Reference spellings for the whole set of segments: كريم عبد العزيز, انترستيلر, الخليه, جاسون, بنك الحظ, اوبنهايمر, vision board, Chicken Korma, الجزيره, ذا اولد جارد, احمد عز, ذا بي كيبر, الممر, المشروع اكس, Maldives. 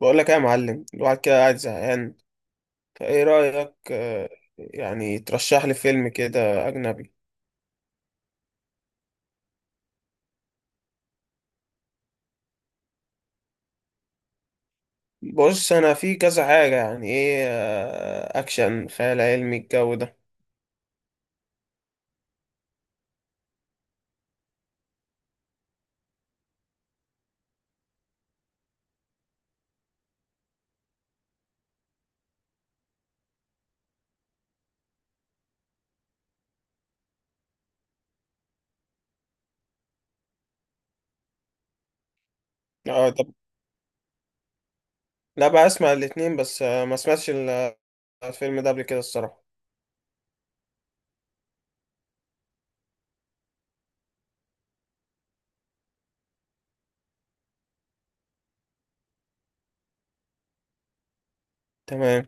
بقول لك ايه يا معلم. الواحد كده قاعد زهقان، فايه رأيك؟ يعني ترشح لي فيلم كده أجنبي. بص، أنا في كذا حاجة، يعني ايه، أكشن، خيال علمي، الجو ده. اه طب، لا بقى، أسمع الاتنين. بس ما سمعتش الفيلم ده قبل كده الصراحة. تمام،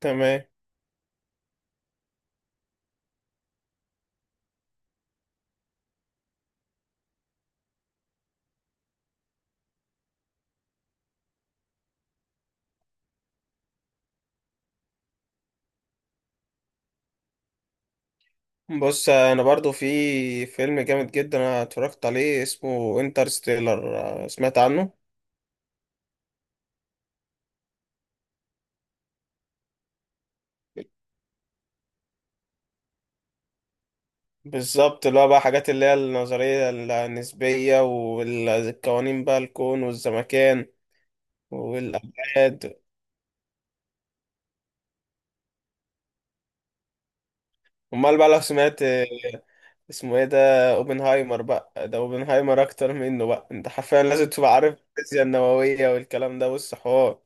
تمام. بص، أنا برضو في فيلم جامد جدا أنا اتفرجت عليه اسمه انترستيلر. سمعت عنه. بالظبط، اللي هو بقى حاجات اللي هي النظرية النسبية والقوانين بقى الكون والزمكان والأبعاد. أمال بقى لو سمعت اسمه ايه ده، اوبنهايمر. بقى ده اوبنهايمر أكتر منه بقى. أنت حرفيا لازم تبقى عارف الفيزياء النووية والكلام ده. بص حوار،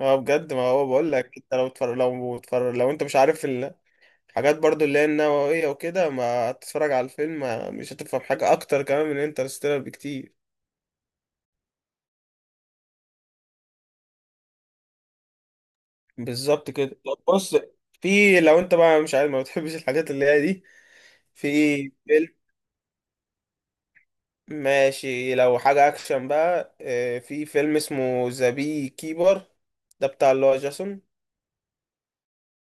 هو بجد. ما هو بقول لك، أنت لو أنت مش عارف الحاجات برضو اللي هي النووية وكده، ما هتتفرج على الفيلم. مش هتفهم حاجة أكتر كمان من انترستيلر بكتير. بالظبط كده. طب بص، في لو انت بقى مش عارف، ما بتحبش الحاجات اللي هي دي، في ايه؟ فيلم ماشي لو حاجة اكشن بقى، في فيلم اسمه ذا بي كيبر. ده بتاع اللي هو جاسون.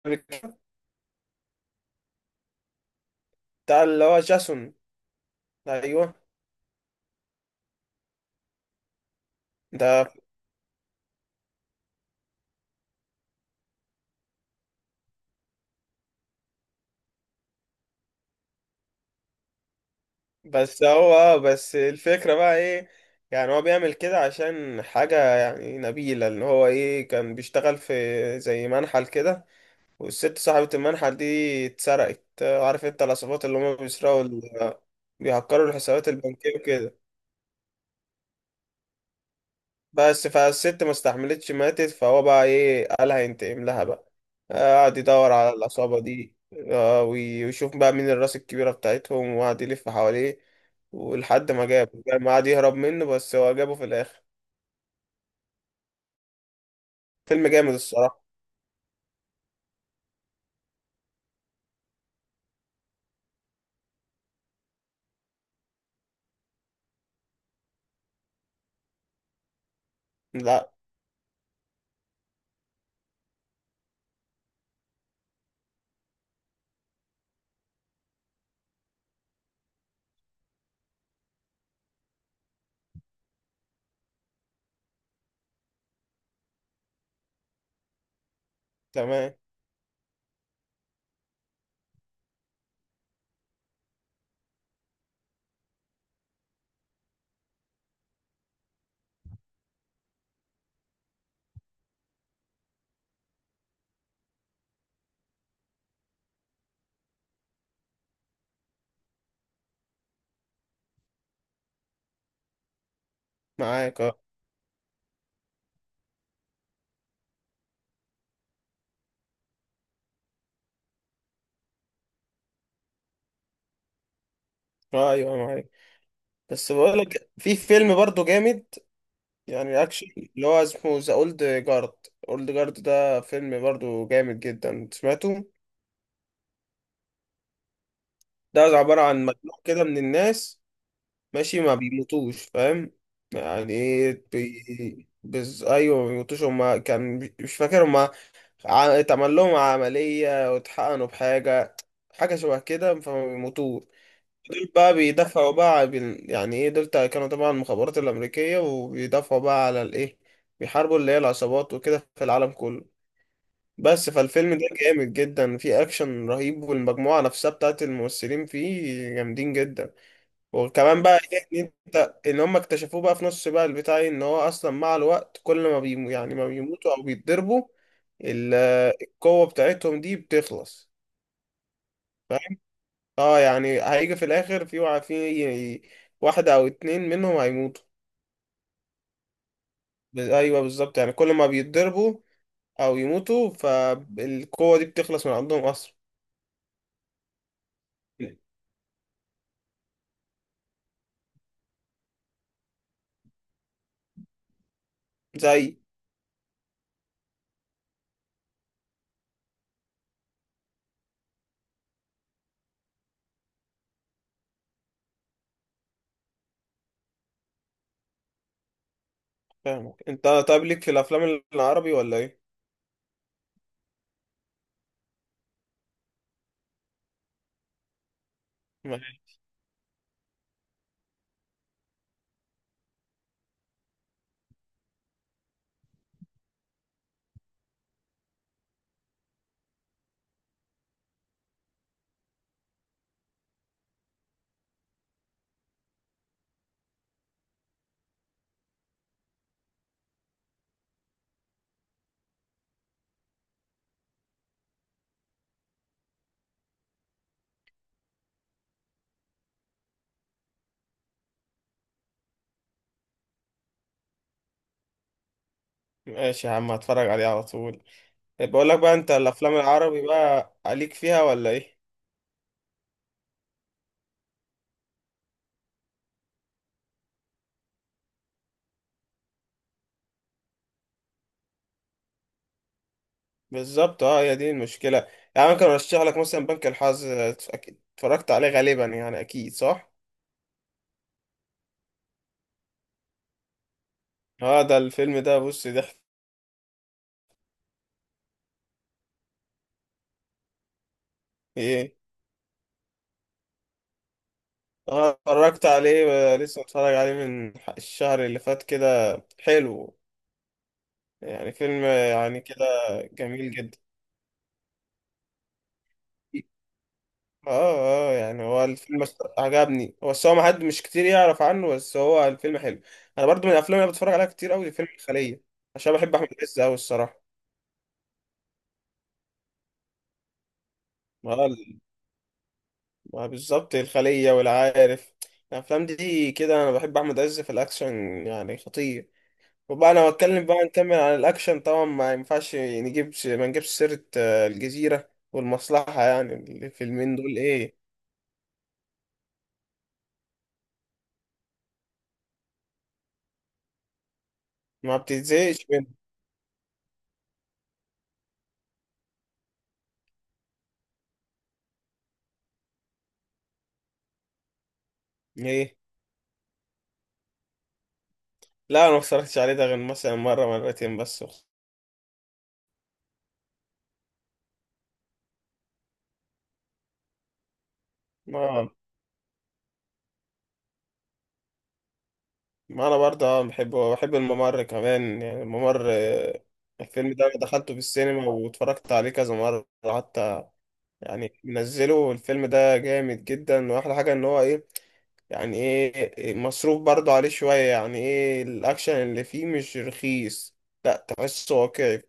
بتاع اللي هو جاسون، ايوه. ده بس هو بس الفكرة بقى ايه، يعني هو بيعمل كده عشان حاجة يعني نبيلة. اللي هو ايه، كان بيشتغل في زي منحل كده. والست صاحبة المنحل دي اتسرقت. عارف انت، العصابات اللي هم بيسرقوا، بيهكروا الحسابات البنكية وكده. بس فالست ما استحملتش، ماتت. فهو بقى ايه، قال هينتقم لها بقى. قعد يدور على العصابة دي. ويشوف بقى مين الراس الكبيرة بتاعتهم، وقعد يلف حواليه ولحد ما جابه. ما قعد يهرب منه بس هو جابه في الآخر. فيلم جامد الصراحة. لا. تمام. معاك اه. ايوه معاك. بس بقولك في فيلم برضه جامد، يعني اكشن، اللي هو اسمه ذا اولد جارد. اولد جارد ده فيلم برضه جامد جدا، سمعته؟ ده عبارة عن مجموعة كده من الناس. ماشي، ما بيموتوش، فاهم؟ يعني ايه؟ ايوه ما بيموتوش. هما كان مش فاكر هما. اتعمل لهم عملية واتحقنوا بحاجة، حاجة شبه كده، فما بيموتوش. دول بقى بيدافعوا بقى على يعني ايه، دول كانوا طبعا المخابرات الأمريكية، وبيدافعوا بقى على الايه، بيحاربوا اللي هي العصابات وكده في العالم كله. بس فالفيلم ده جامد جدا، فيه اكشن رهيب، والمجموعة نفسها بتاعت الممثلين فيه جامدين جدا. وكمان بقى إيه، ان انت، ان هم اكتشفوه بقى في نص بقى البتاع إيه، ان هو اصلا مع الوقت، كل ما بيموتوا او بيتضربوا، ال- القوة بتاعتهم دي بتخلص، فاهم؟ اه، يعني هيجي في الاخر في في واحدة او اتنين منهم هيموتوا. ايوه بالظبط. يعني كل ما بيتضربوا او يموتوا فالقوة دي بتخلص من عندهم اصلا. زي. فاهمك. انت طيب، ليك في الافلام العربي ولا ايه؟ ماشي يا عم، هتفرج عليه على طول. بقول لك بقى، انت الافلام العربي بقى عليك فيها ولا ايه؟ بالظبط اه، هي دي المشكله. يعني ممكن ارشح لك مثلا بنك الحظ، اكيد اتفرجت عليه غالبا، يعني اكيد صح. اه ده الفيلم ده بص ضحك. ايه. اه اتفرجت عليه. لسه اتفرج عليه من الشهر اللي فات كده، حلو. يعني فيلم يعني كده جميل جدا. اه اه. يعني هو الفيلم عجبني هو، بس هو ما حد مش كتير يعرف عنه، بس هو الفيلم حلو. انا برضو من الافلام اللي بتفرج عليها كتير قوي فيلم الخليه، عشان بحب احمد عز قوي الصراحه. ما هو ال- ما هو بالظبط الخليه والعارف، الافلام دي كده انا بحب احمد عز في الاكشن، يعني خطير. وبقى انا بتكلم بقى نكمل عن الاكشن، طبعا ما ينفعش نجيب ما نجيبش سيره الجزيره والمصلحه. يعني الفيلمين دول ايه، ما بتتزهقش منهم. ايه، لا انا ما اتفرجتش عليه ده غير مثلا مره مرتين بس. ما ما انا برضه اه بحب، بحب الممر كمان. يعني الممر الفيلم ده دخلته في السينما واتفرجت عليه كذا مرة حتى. يعني منزله الفيلم ده جامد جدا، واحلى حاجة ان هو ايه، يعني ايه، مصروف برضه عليه شوية، يعني ايه الاكشن اللي فيه مش رخيص، لا تحسه واقعي.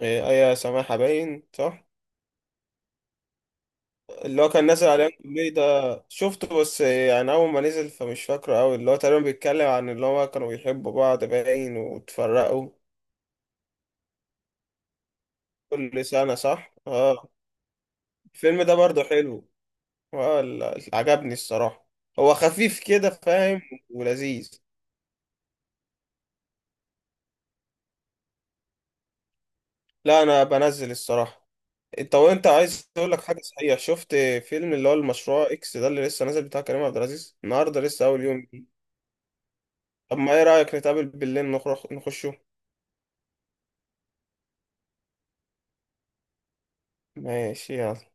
ايه ايه سماحة، باين صح. اللي هو كان نازل عليه كوميدي ده، شفته بس يعني أول ما نزل فمش فاكره أوي. اللي هو تقريبا بيتكلم عن اللي هو كانوا بيحبوا بعض باين واتفرقوا، كل سنة صح؟ اه. الفيلم ده برضه حلو. اه، عجبني الصراحة. هو خفيف كده فاهم، ولذيذ. لا أنا بنزل الصراحة. انت وانت عايز اقول لك حاجة، صحيح، شفت فيلم اللي هو المشروع اكس ده اللي لسه نازل بتاع كريم عبد العزيز؟ النهارده لسه اول يوم. طب ما ايه رأيك نتقابل بالليل نخرج نخشه؟ ماشي، يلا.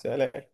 سلام.